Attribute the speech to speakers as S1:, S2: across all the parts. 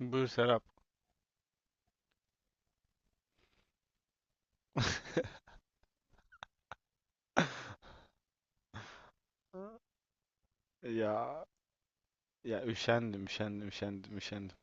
S1: Buyur Serap. Ya ya üşendim, üşendim, üşendim, üşendim.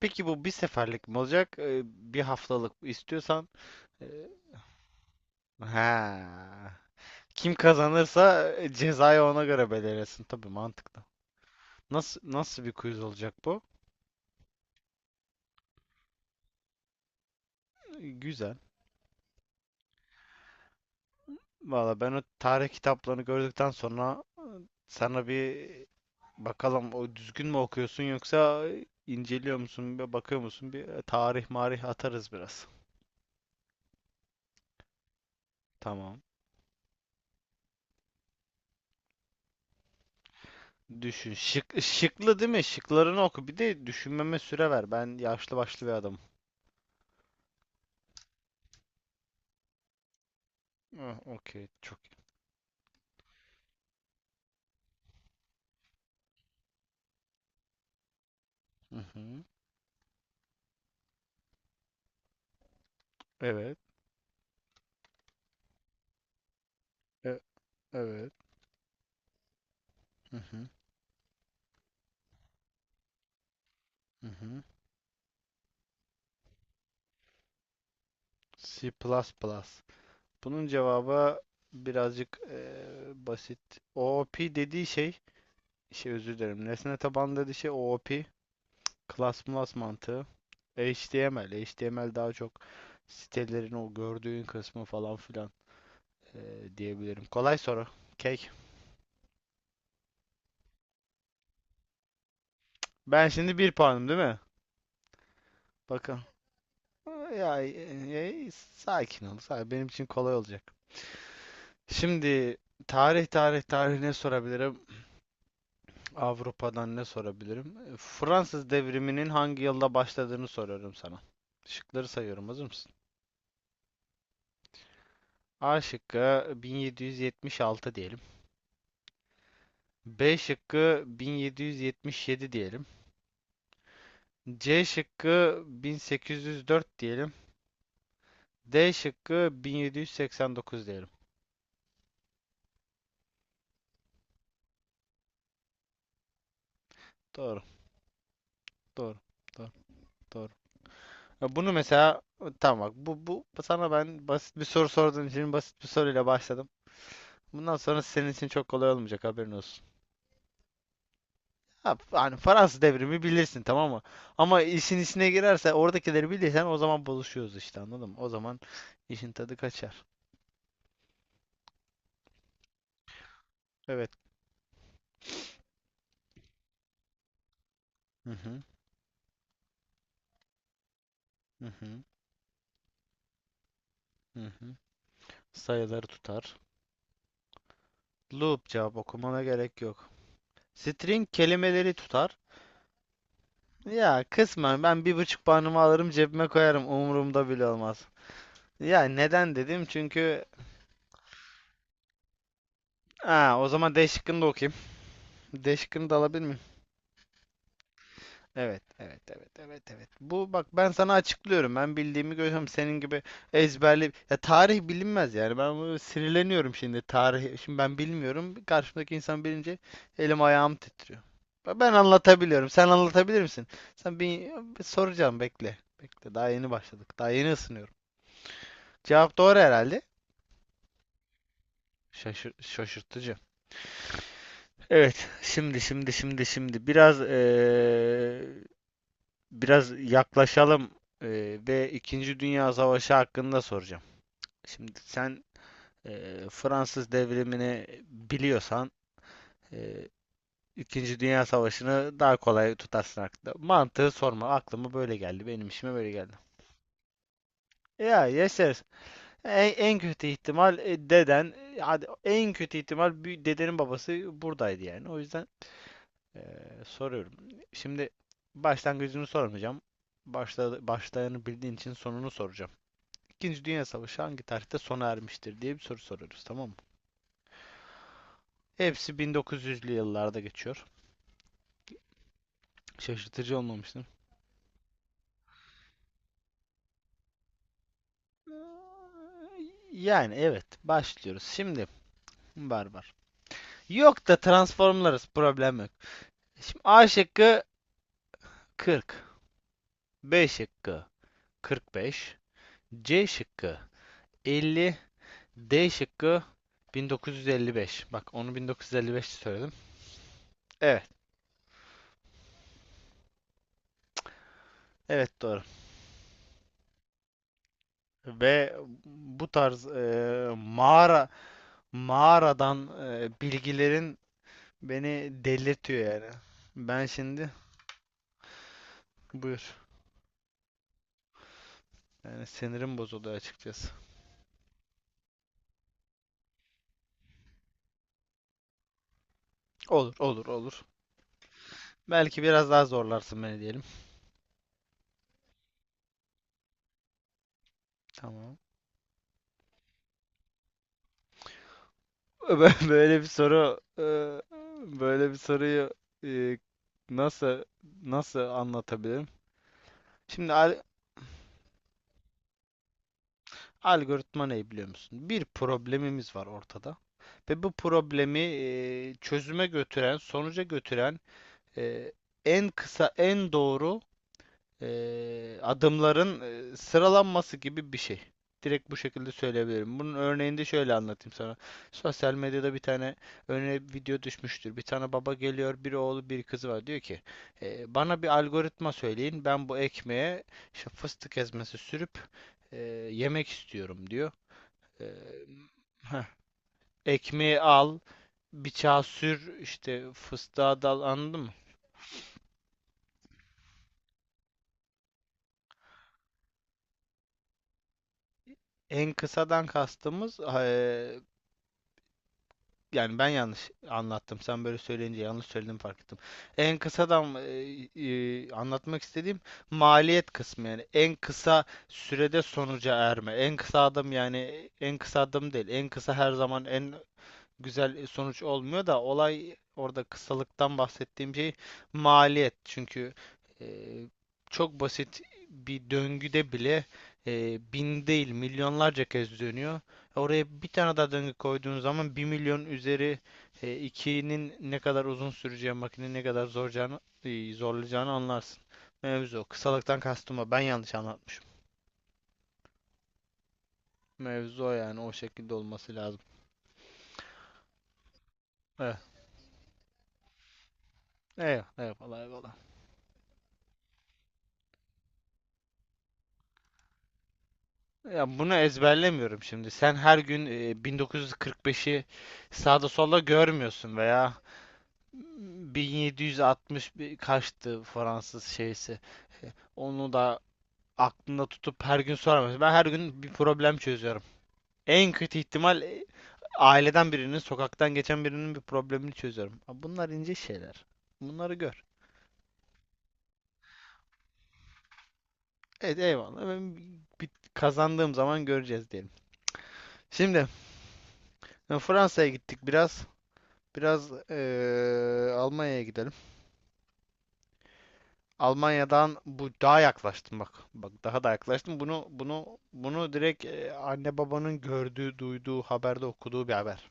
S1: Peki bu bir seferlik mi olacak? Bir haftalık istiyorsan. e, Ha. Kim kazanırsa cezayı ona göre belirlesin. Tabii mantıklı. Nasıl bir quiz olacak bu? Güzel. Valla ben o tarih kitaplarını gördükten sonra sana bir bakalım o düzgün mü okuyorsun yoksa inceliyor musun, bir bakıyor musun? Bir tarih marih atarız biraz. Tamam. Düşün. Şıklı değil mi? Şıklarını oku. Bir de düşünmeme süre ver. Ben yaşlı başlı bir adamım. Ah, okey. Çok iyi. Hı hı. Evet. E- evet. Hı hı. Hı hı. C++. Bunun cevabı birazcık basit. OOP dediği şey, şey özür dilerim. Nesne tabanlı dediği şey OOP. Class plus mantığı. HTML. HTML daha çok sitelerin o gördüğün kısmı falan filan diyebilirim. Kolay soru. Cake. Ben şimdi bir puanım değil mi? Bakın. Ya, sakin ol. Sakin. Benim için kolay olacak. Şimdi tarih ne sorabilirim? Avrupa'dan ne sorabilirim? Fransız devriminin hangi yılda başladığını soruyorum sana. Şıkları sayıyorum. Hazır mısın? A şıkkı 1776 diyelim. B şıkkı 1777 diyelim. C şıkkı 1804 diyelim. D şıkkı 1789 diyelim. Doğru, doğru, doğru, doğru. Ya bunu mesela tamam bak bu sana ben basit bir soru sorduğun için basit bir soruyla başladım. Bundan sonra senin için çok kolay olmayacak haberin olsun. Ha, hani Fransız devrimi bilirsin tamam mı? Ama işin içine girerse oradakileri bilirsen o zaman buluşuyoruz işte anladın mı? O zaman işin tadı kaçar. Evet. Hı hı, hı hı, hı hı. Sayıları tutar. Loop, cevap okumana gerek yok. String kelimeleri tutar. Ya kısmen ben bir buçuk puanımı alırım cebime koyarım umurumda bile olmaz. Ya neden dedim? Çünkü ha, o zaman D şıkkını da okuyayım. D şıkkını da alabilir miyim? Evet, evet, evet, evet, evet. Bu bak ben sana açıklıyorum. Ben bildiğimi görüyorum. Senin gibi ezberli. Ya tarih bilinmez yani. Ben bu sinirleniyorum şimdi tarih. Şimdi ben bilmiyorum. Karşımdaki insan bilince elim ayağım titriyor. Ben anlatabiliyorum. Sen anlatabilir misin? Sen bir soracağım bekle. Bekle. Daha yeni başladık. Daha yeni ısınıyorum. Cevap doğru herhalde. Şaşırtıcı. Evet, şimdi biraz biraz yaklaşalım ve İkinci Dünya Savaşı hakkında soracağım. Şimdi sen Fransız devrimini biliyorsan eee, İkinci Dünya Savaşı'nı daha kolay tutarsın aklında. Mantığı sorma, aklıma böyle geldi, benim işime böyle geldi. Ya yaşarız. En kötü ihtimal deden, hadi en kötü ihtimal bir dedenin babası buradaydı yani. O yüzden soruyorum. Şimdi başlangıcını sormayacağım. Başlayanı bildiğin için sonunu soracağım. İkinci Dünya Savaşı hangi tarihte sona ermiştir diye bir soru soruyoruz, tamam mı? Hepsi 1900'lü yıllarda geçiyor. Şaşırtıcı olmamıştı. Yani evet, başlıyoruz. Şimdi barbar. Yok da transformlarız, problem yok. Şimdi A şıkkı 40, B şıkkı 45, C şıkkı 50, D şıkkı 1955. Bak onu 1955 söyledim. Evet. Evet doğru. Ve bu tarz mağaradan bilgilerin beni delirtiyor yani. Ben şimdi buyur. Yani sinirim bozuldu açıkçası. Olur, olur, olur. Belki biraz daha zorlarsın beni diyelim. Tamam. Böyle bir soru e, Böyle bir soruyu e, nasıl nasıl anlatabilirim? Şimdi al- Algoritma ne biliyor musun? Bir problemimiz var ortada ve bu problemi çözüme götüren, sonuca götüren e, en kısa, en doğru adımların sıralanması gibi bir şey. Direkt bu şekilde söyleyebilirim. Bunun örneğini de şöyle anlatayım sana. Sosyal medyada bir tane örneğin video düşmüştür. Bir tane baba geliyor, bir oğlu, bir kızı var. Diyor ki, Bana bir algoritma söyleyin. Ben bu ekmeğe işte fıstık ezmesi sürüp e, yemek istiyorum diyor. Ee, heh, ekmeği al, bıçağı sür, işte fıstığa dal anladın mı? En kısadan kastımız yani ben yanlış anlattım. Sen böyle söyleyince yanlış söyledim fark ettim. En kısadan anlatmak istediğim maliyet kısmı yani en kısa sürede sonuca erme. En kısa adım yani en kısa adım değil. En kısa her zaman en güzel sonuç olmuyor da olay orada kısalıktan bahsettiğim şey maliyet. Çünkü e, çok basit bir döngüde bile bin değil milyonlarca kez dönüyor. Oraya bir tane daha döngü koyduğun zaman bir milyon üzeri 2'nin ne kadar uzun süreceği makinenin ne kadar zorlayacağını anlarsın. Mevzu o. Kısalıktan kastım o. Ben yanlış anlatmışım. Mevzu o yani o şekilde olması lazım. Evet. Eyvallah, eyvallah, eyvallah. Ya bunu ezberlemiyorum şimdi. Sen her gün 1945'i sağda solda görmüyorsun veya 1760 bir kaçtı Fransız şeysi. Onu da aklında tutup her gün soramıyorsun. Ben her gün bir problem çözüyorum. En kötü ihtimal aileden birinin, sokaktan geçen birinin bir problemini çözüyorum. Ha, bunlar ince şeyler. Bunları gör. Evet eyvallah. Ben bir kazandığım zaman göreceğiz diyelim. Şimdi Fransa'ya gittik biraz. Biraz Almanya'ya gidelim. Almanya'dan bu daha yaklaştım bak. Bak daha da yaklaştım. Bunu direkt anne babanın gördüğü, duyduğu, haberde okuduğu bir haber.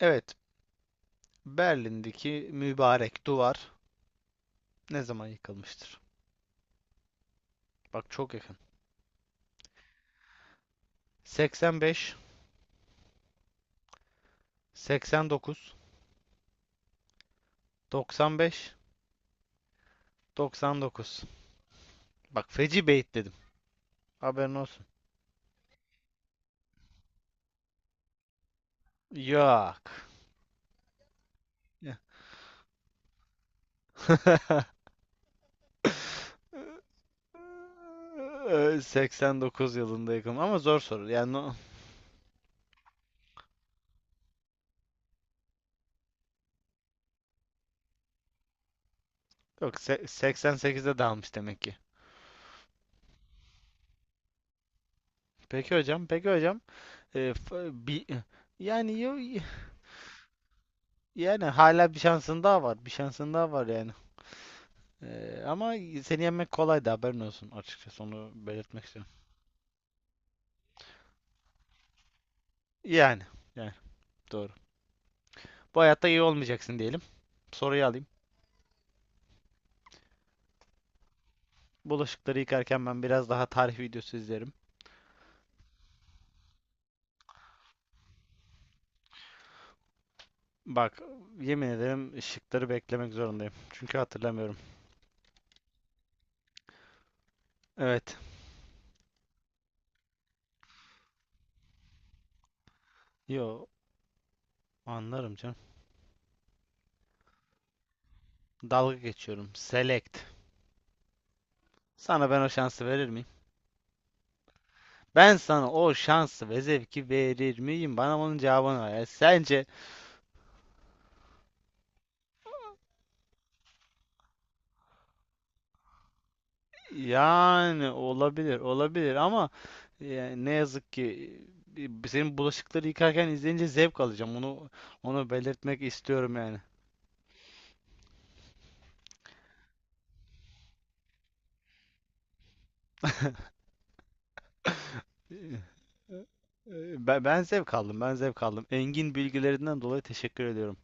S1: Evet, Berlin'deki mübarek duvar ne zaman yıkılmıştır? Bak çok yakın. 85, 89, 95, 99. Bak feci beyit dedim. Haberin olsun. Yok. 89 yılında yıkılmış ama zor soru. Yani yok, 88'de dalmış demek ki. Peki hocam, peki hocam. Bir, yani yo- yani hala bir şansın daha var. Bir şansın daha var yani. Ama seni yenmek kolay da haberin olsun açıkçası onu belirtmek istiyorum. Yani, yani doğru. Bu hayatta iyi olmayacaksın diyelim. Soruyu alayım. Bulaşıkları yıkarken ben biraz daha tarih videosu izlerim. Bak, yemin ederim şıkları beklemek zorundayım. Çünkü hatırlamıyorum. Evet. Yo, anlarım canım. Dalga geçiyorum. Select. Sana ben o şansı verir miyim? Ben sana o şansı ve zevki verir miyim? Bana onun cevabını ver. Yani sence yani olabilir, olabilir ama yani ne yazık ki senin bulaşıkları yıkarken izleyince zevk alacağım. Onu belirtmek istiyorum yani. E, ben zevk aldım, ben zevk aldım. Engin bilgilerinden dolayı teşekkür ediyorum.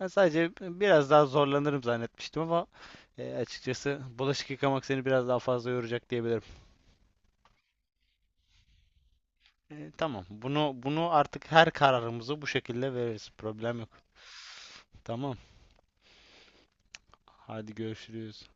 S1: Ben sadece biraz daha zorlanırım zannetmiştim ama açıkçası bulaşık yıkamak seni biraz daha fazla yoracak diyebilirim. Tamam. Bunu artık her kararımızı bu şekilde veririz. Problem yok. Tamam. Hadi görüşürüz.